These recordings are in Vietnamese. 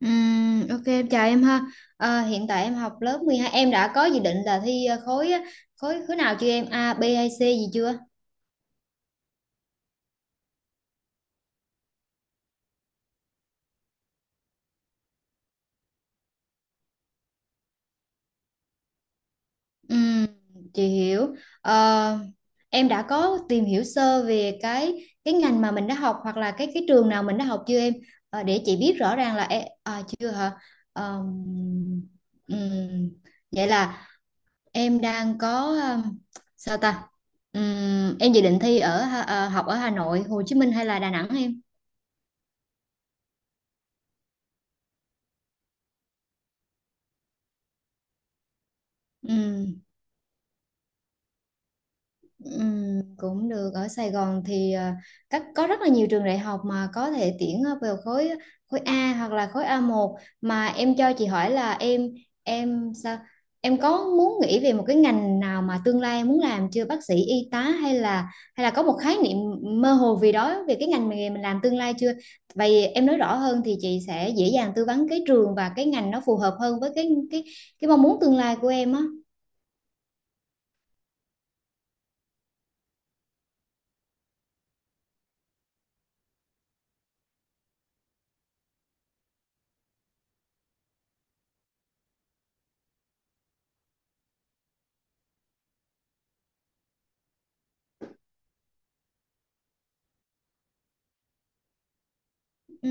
Ok, em chào em ha. Hiện tại em học lớp 12, em đã có dự định là thi khối á, khối khối nào chưa em? A, B hay C gì chưa? Ừm, chị hiểu. Ờ, em đã có tìm hiểu sơ về cái ngành mà mình đã học, hoặc là cái trường nào mình đã học chưa em? Để chị biết rõ ràng là em chưa hả? Ờ, ừm, Vậy là em đang có ờ, sao ta? Em dự định thi ở học ở Hà Nội, Hồ Chí Minh hay là Đà Nẵng em? Ừ, ừ, Cũng được, ở Sài Gòn thì các có rất là nhiều trường đại học mà có thể tuyển vào khối khối A hoặc là khối A1. Mà em cho chị hỏi là em sao em có muốn nghĩ về một cái ngành nào mà tương lai em muốn làm chưa? Bác sĩ, y tá, hay là có một khái niệm mơ hồ vì đó về cái ngành nghề mình làm tương lai chưa? Vậy em nói rõ hơn thì chị sẽ dễ dàng tư vấn cái trường và cái ngành nó phù hợp hơn với cái mong muốn tương lai của em á. Ừ.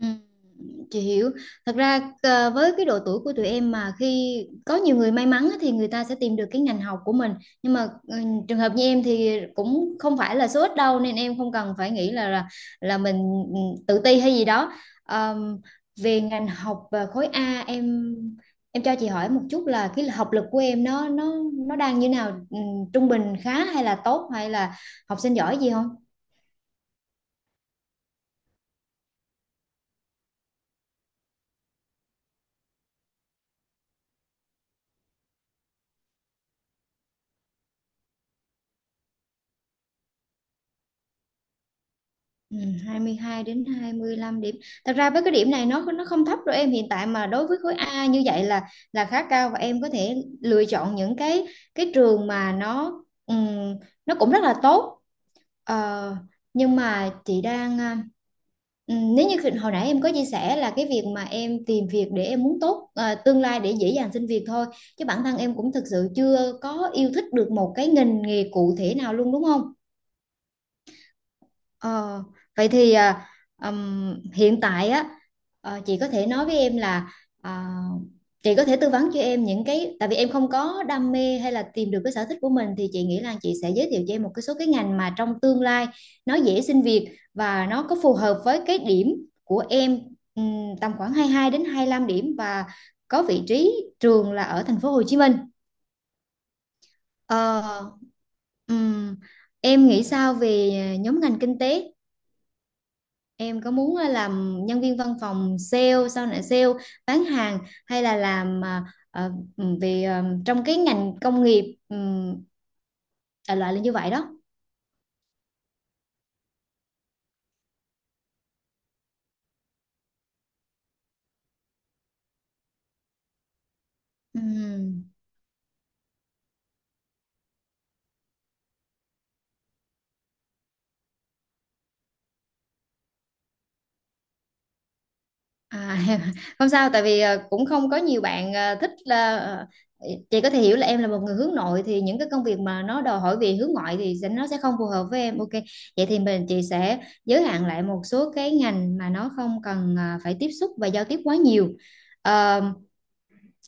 Ừ, chị hiểu. Thật ra với cái độ tuổi của tụi em mà khi có nhiều người may mắn á, thì người ta sẽ tìm được cái ngành học của mình, nhưng mà trường hợp như em thì cũng không phải là số ít đâu, nên em không cần phải nghĩ là mình ừ, tự ti hay gì đó. Ờm, Về ngành học và khối A, em cho chị hỏi một chút là cái học lực của em nó đang như nào? Ừ, trung bình khá, hay là tốt, hay là học sinh giỏi gì? Ừ, 22 đến 25 điểm. Thật ra với cái điểm này nó không thấp đâu em, hiện tại mà đối với khối A như vậy là khá cao, và em có thể lựa chọn những cái trường mà ừm, nó cũng rất là tốt. Ờ, nhưng mà chị đang nếu như hồi nãy em có chia sẻ là cái việc mà em tìm việc để em muốn tốt tương lai để dễ dàng xin việc thôi, chứ bản thân em cũng thực sự chưa có yêu thích được một cái ngành nghề cụ thể nào luôn đúng không? Ờ, Vậy thì hiện tại á, chị có thể nói với em là à, chị có thể tư vấn cho em những cái, tại vì em không có đam mê hay là tìm được cái sở thích của mình, thì chị nghĩ là chị sẽ giới thiệu cho em một cái số cái ngành mà trong tương lai nó dễ xin việc và nó có phù hợp với cái điểm của em, tầm khoảng 22 đến 25 điểm, và có vị trí trường là ở thành phố Hồ Chí Minh. Ờ, ừm, em nghĩ sao về nhóm ngành kinh tế? Em có muốn làm nhân viên văn phòng, sale, sau này sale, bán hàng, hay là làm ờ, về trong cái ngành công nghiệp, đại loại là như vậy đó. Ừm. À, không sao, tại vì cũng không có nhiều bạn thích là chị có thể hiểu là em là một người hướng nội, thì những cái công việc mà nó đòi hỏi về hướng ngoại thì nó sẽ không phù hợp với em. Ok. Vậy thì mình chị sẽ giới hạn lại một số cái ngành mà nó không cần phải tiếp xúc và giao tiếp quá nhiều. Ờ,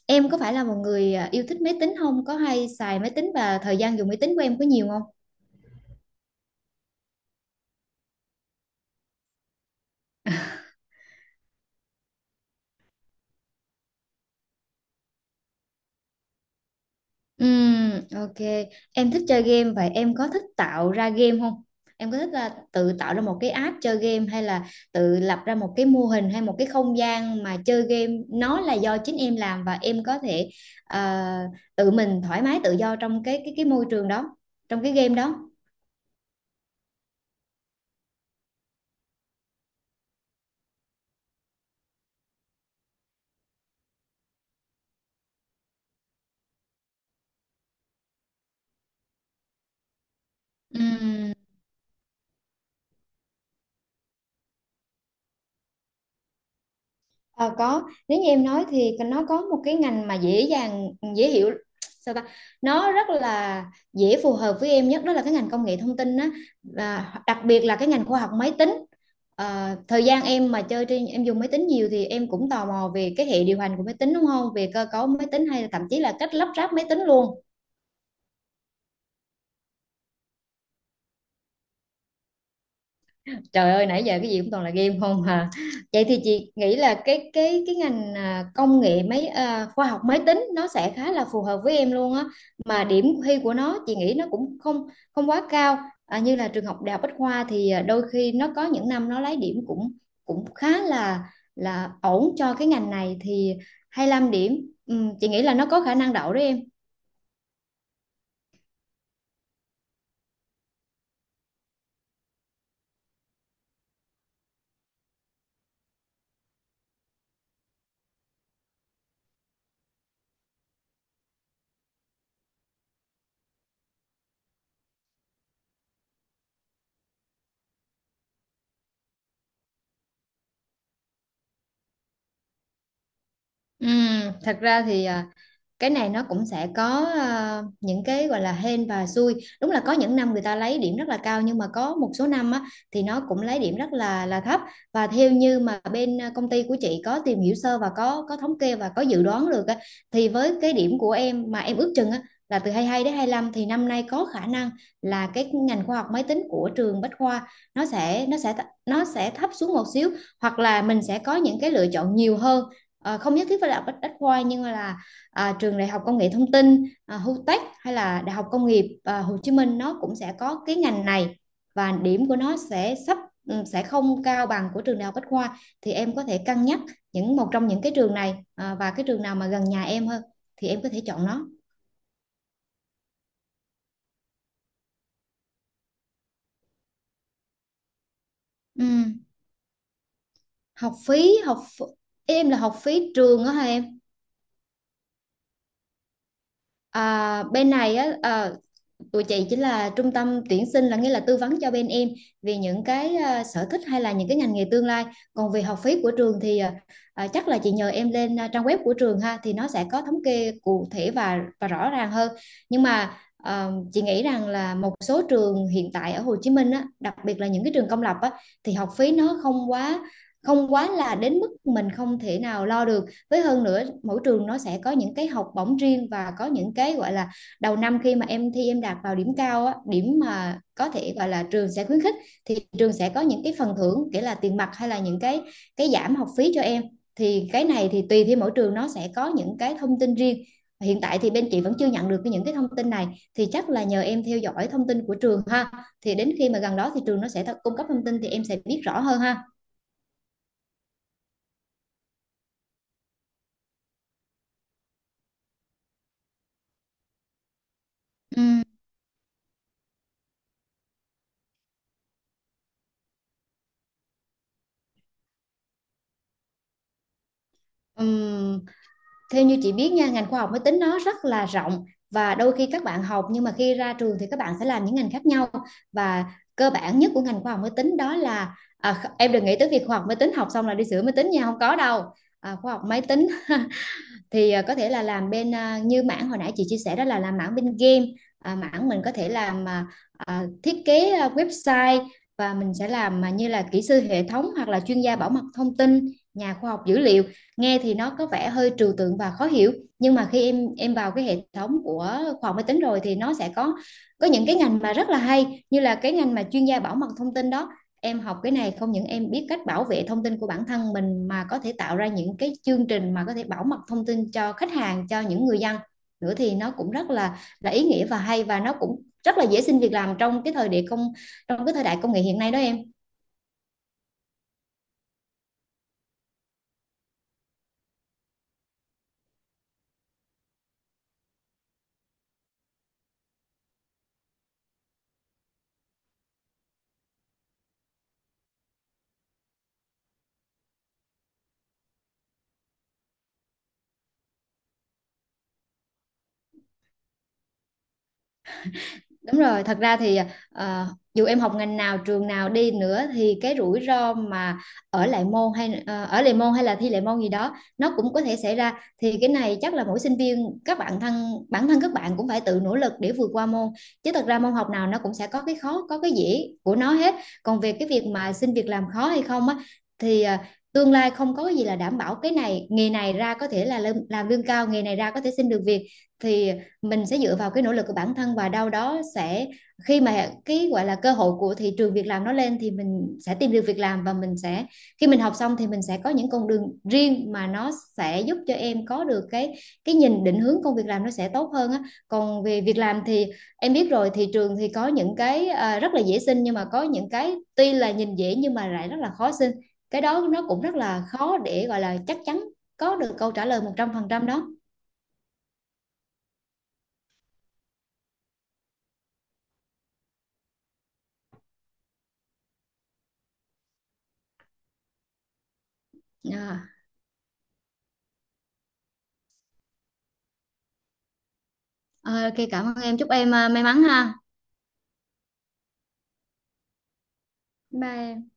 Em có phải là một người yêu thích máy tính không? Có hay xài máy tính, và thời gian dùng máy tính của em có nhiều không? Ok. Em thích chơi game, vậy em có thích tạo ra game không? Em có thích là tự tạo ra một cái app chơi game, hay là tự lập ra một cái mô hình, hay một cái không gian mà chơi game nó là do chính em làm, và em có thể à, tự mình thoải mái tự do trong cái môi trường đó, trong cái game đó. Ờ, có, nếu như em nói thì nó có một cái ngành mà dễ dàng, dễ hiểu, sao ta nó rất là dễ phù hợp với em nhất, đó là cái ngành công nghệ thông tin á, và đặc biệt là cái ngành khoa học máy tính. Thời gian em mà chơi trên em dùng máy tính nhiều thì em cũng tò mò về cái hệ điều hành của máy tính đúng không, về cơ cấu máy tính hay là thậm chí là cách lắp ráp máy tính luôn. Trời ơi, nãy giờ cái gì cũng toàn là game không hà. Vậy thì chị nghĩ là cái ngành à, công nghệ máy à, khoa học máy tính nó sẽ khá là phù hợp với em luôn á. Mà điểm thi của nó chị nghĩ nó cũng không không quá cao. Như là trường học Đại học Bách Khoa thì đôi khi nó có những năm nó lấy điểm cũng cũng khá là ổn cho cái ngành này, thì 25 điểm. Chị nghĩ là nó có khả năng đậu đấy em. Thật ra thì cái này nó cũng sẽ có những cái gọi là hên và xui. Đúng là có những năm người ta lấy điểm rất là cao, nhưng mà có một số năm á, thì nó cũng lấy điểm rất là thấp. Và theo như mà bên công ty của chị có tìm hiểu sơ và có thống kê và có dự đoán được á, thì với cái điểm của em mà em ước chừng á, là từ 22 đến 25, thì năm nay có khả năng là cái ngành khoa học máy tính của trường Bách Khoa nó sẽ nó sẽ nó sẽ thấp xuống một xíu, hoặc là mình sẽ có những cái lựa chọn nhiều hơn. Không nhất thiết phải là Bách Bách Khoa, nhưng mà là trường đại học công nghệ thông tin, HUTECH, hay là đại học công nghiệp, Hồ Chí Minh nó cũng sẽ có cái ngành này, và điểm của nó sẽ sẽ không cao bằng của trường đại học Bách Khoa. Thì em có thể cân nhắc những một trong những cái trường này, và cái trường nào mà gần nhà em hơn thì em có thể chọn nó. Ừ. Học phí, em là học phí trường đó hả em? Bên này á, tụi chị chính là trung tâm tuyển sinh, là nghĩa là tư vấn cho bên em về những cái sở thích hay là những cái ngành nghề tương lai. Còn về học phí của trường thì chắc là chị nhờ em lên trang web của trường ha, thì nó sẽ có thống kê cụ thể và rõ ràng hơn. Nhưng mà chị nghĩ rằng là một số trường hiện tại ở Hồ Chí Minh á, đặc biệt là những cái trường công lập á, thì học phí nó không quá là đến mức mình không thể nào lo được. Với hơn nữa, mỗi trường nó sẽ có những cái học bổng riêng, và có những cái gọi là đầu năm, khi mà em thi em đạt vào điểm cao á, điểm mà có thể gọi là trường sẽ khuyến khích, thì trường sẽ có những cái phần thưởng, kể là tiền mặt hay là những cái giảm học phí cho em. Thì cái này thì tùy theo mỗi trường nó sẽ có những cái thông tin riêng. Hiện tại thì bên chị vẫn chưa nhận được những cái thông tin này, thì chắc là nhờ em theo dõi thông tin của trường ha, thì đến khi mà gần đó thì trường nó sẽ cung cấp thông tin, thì em sẽ biết rõ hơn ha. Ừm, theo như chị biết nha, ngành khoa học máy tính nó rất là rộng, và đôi khi các bạn học nhưng mà khi ra trường thì các bạn sẽ làm những ngành khác nhau. Và cơ bản nhất của ngành khoa học máy tính đó là em đừng nghĩ tới việc khoa học máy tính học xong là đi sửa máy tính nha, không có đâu. Khoa học máy tính thì có thể là làm bên, như mảng hồi nãy chị chia sẻ đó là làm mảng bên game, mảng mình có thể làm thiết kế website, và mình sẽ làm như là kỹ sư hệ thống, hoặc là chuyên gia bảo mật thông tin, nhà khoa học dữ liệu. Nghe thì nó có vẻ hơi trừu tượng và khó hiểu, nhưng mà khi em vào cái hệ thống của khoa học máy tính rồi thì nó sẽ có những cái ngành mà rất là hay, như là cái ngành mà chuyên gia bảo mật thông tin đó. Em học cái này không những em biết cách bảo vệ thông tin của bản thân mình, mà có thể tạo ra những cái chương trình mà có thể bảo mật thông tin cho khách hàng, cho những người dân nữa, thì nó cũng rất là ý nghĩa và hay, và nó cũng rất là dễ xin việc làm trong cái thời đại công nghệ hiện nay đó em. Đúng rồi, thật ra thì ờ, dù em học ngành nào, trường nào đi nữa thì cái rủi ro mà ở lại môn, hay là thi lại môn gì đó, nó cũng có thể xảy ra. Thì cái này chắc là mỗi sinh viên, các bạn thân bản thân các bạn cũng phải tự nỗ lực để vượt qua môn. Chứ thật ra môn học nào nó cũng sẽ có cái khó, có cái dễ của nó hết. Còn về cái việc mà xin việc làm khó hay không á, thì tương lai không có gì là đảm bảo cái này. Nghề này ra có thể là làm lương cao, nghề này ra có thể xin được việc, thì mình sẽ dựa vào cái nỗ lực của bản thân, và đâu đó sẽ khi mà cái gọi là cơ hội của thị trường việc làm nó lên, thì mình sẽ tìm được việc làm, và mình sẽ khi mình học xong thì mình sẽ có những con đường riêng mà nó sẽ giúp cho em có được cái nhìn định hướng công việc làm nó sẽ tốt hơn á. Còn về việc làm thì em biết rồi, thị trường thì có những cái rất là dễ xin, nhưng mà có những cái tuy là nhìn dễ nhưng mà lại rất là khó xin. Cái đó nó cũng rất là khó để gọi là chắc chắn có được câu trả lời 100% đó. à. Ờ, ok, cảm ơn em, chúc em may mắn ha. Bye em.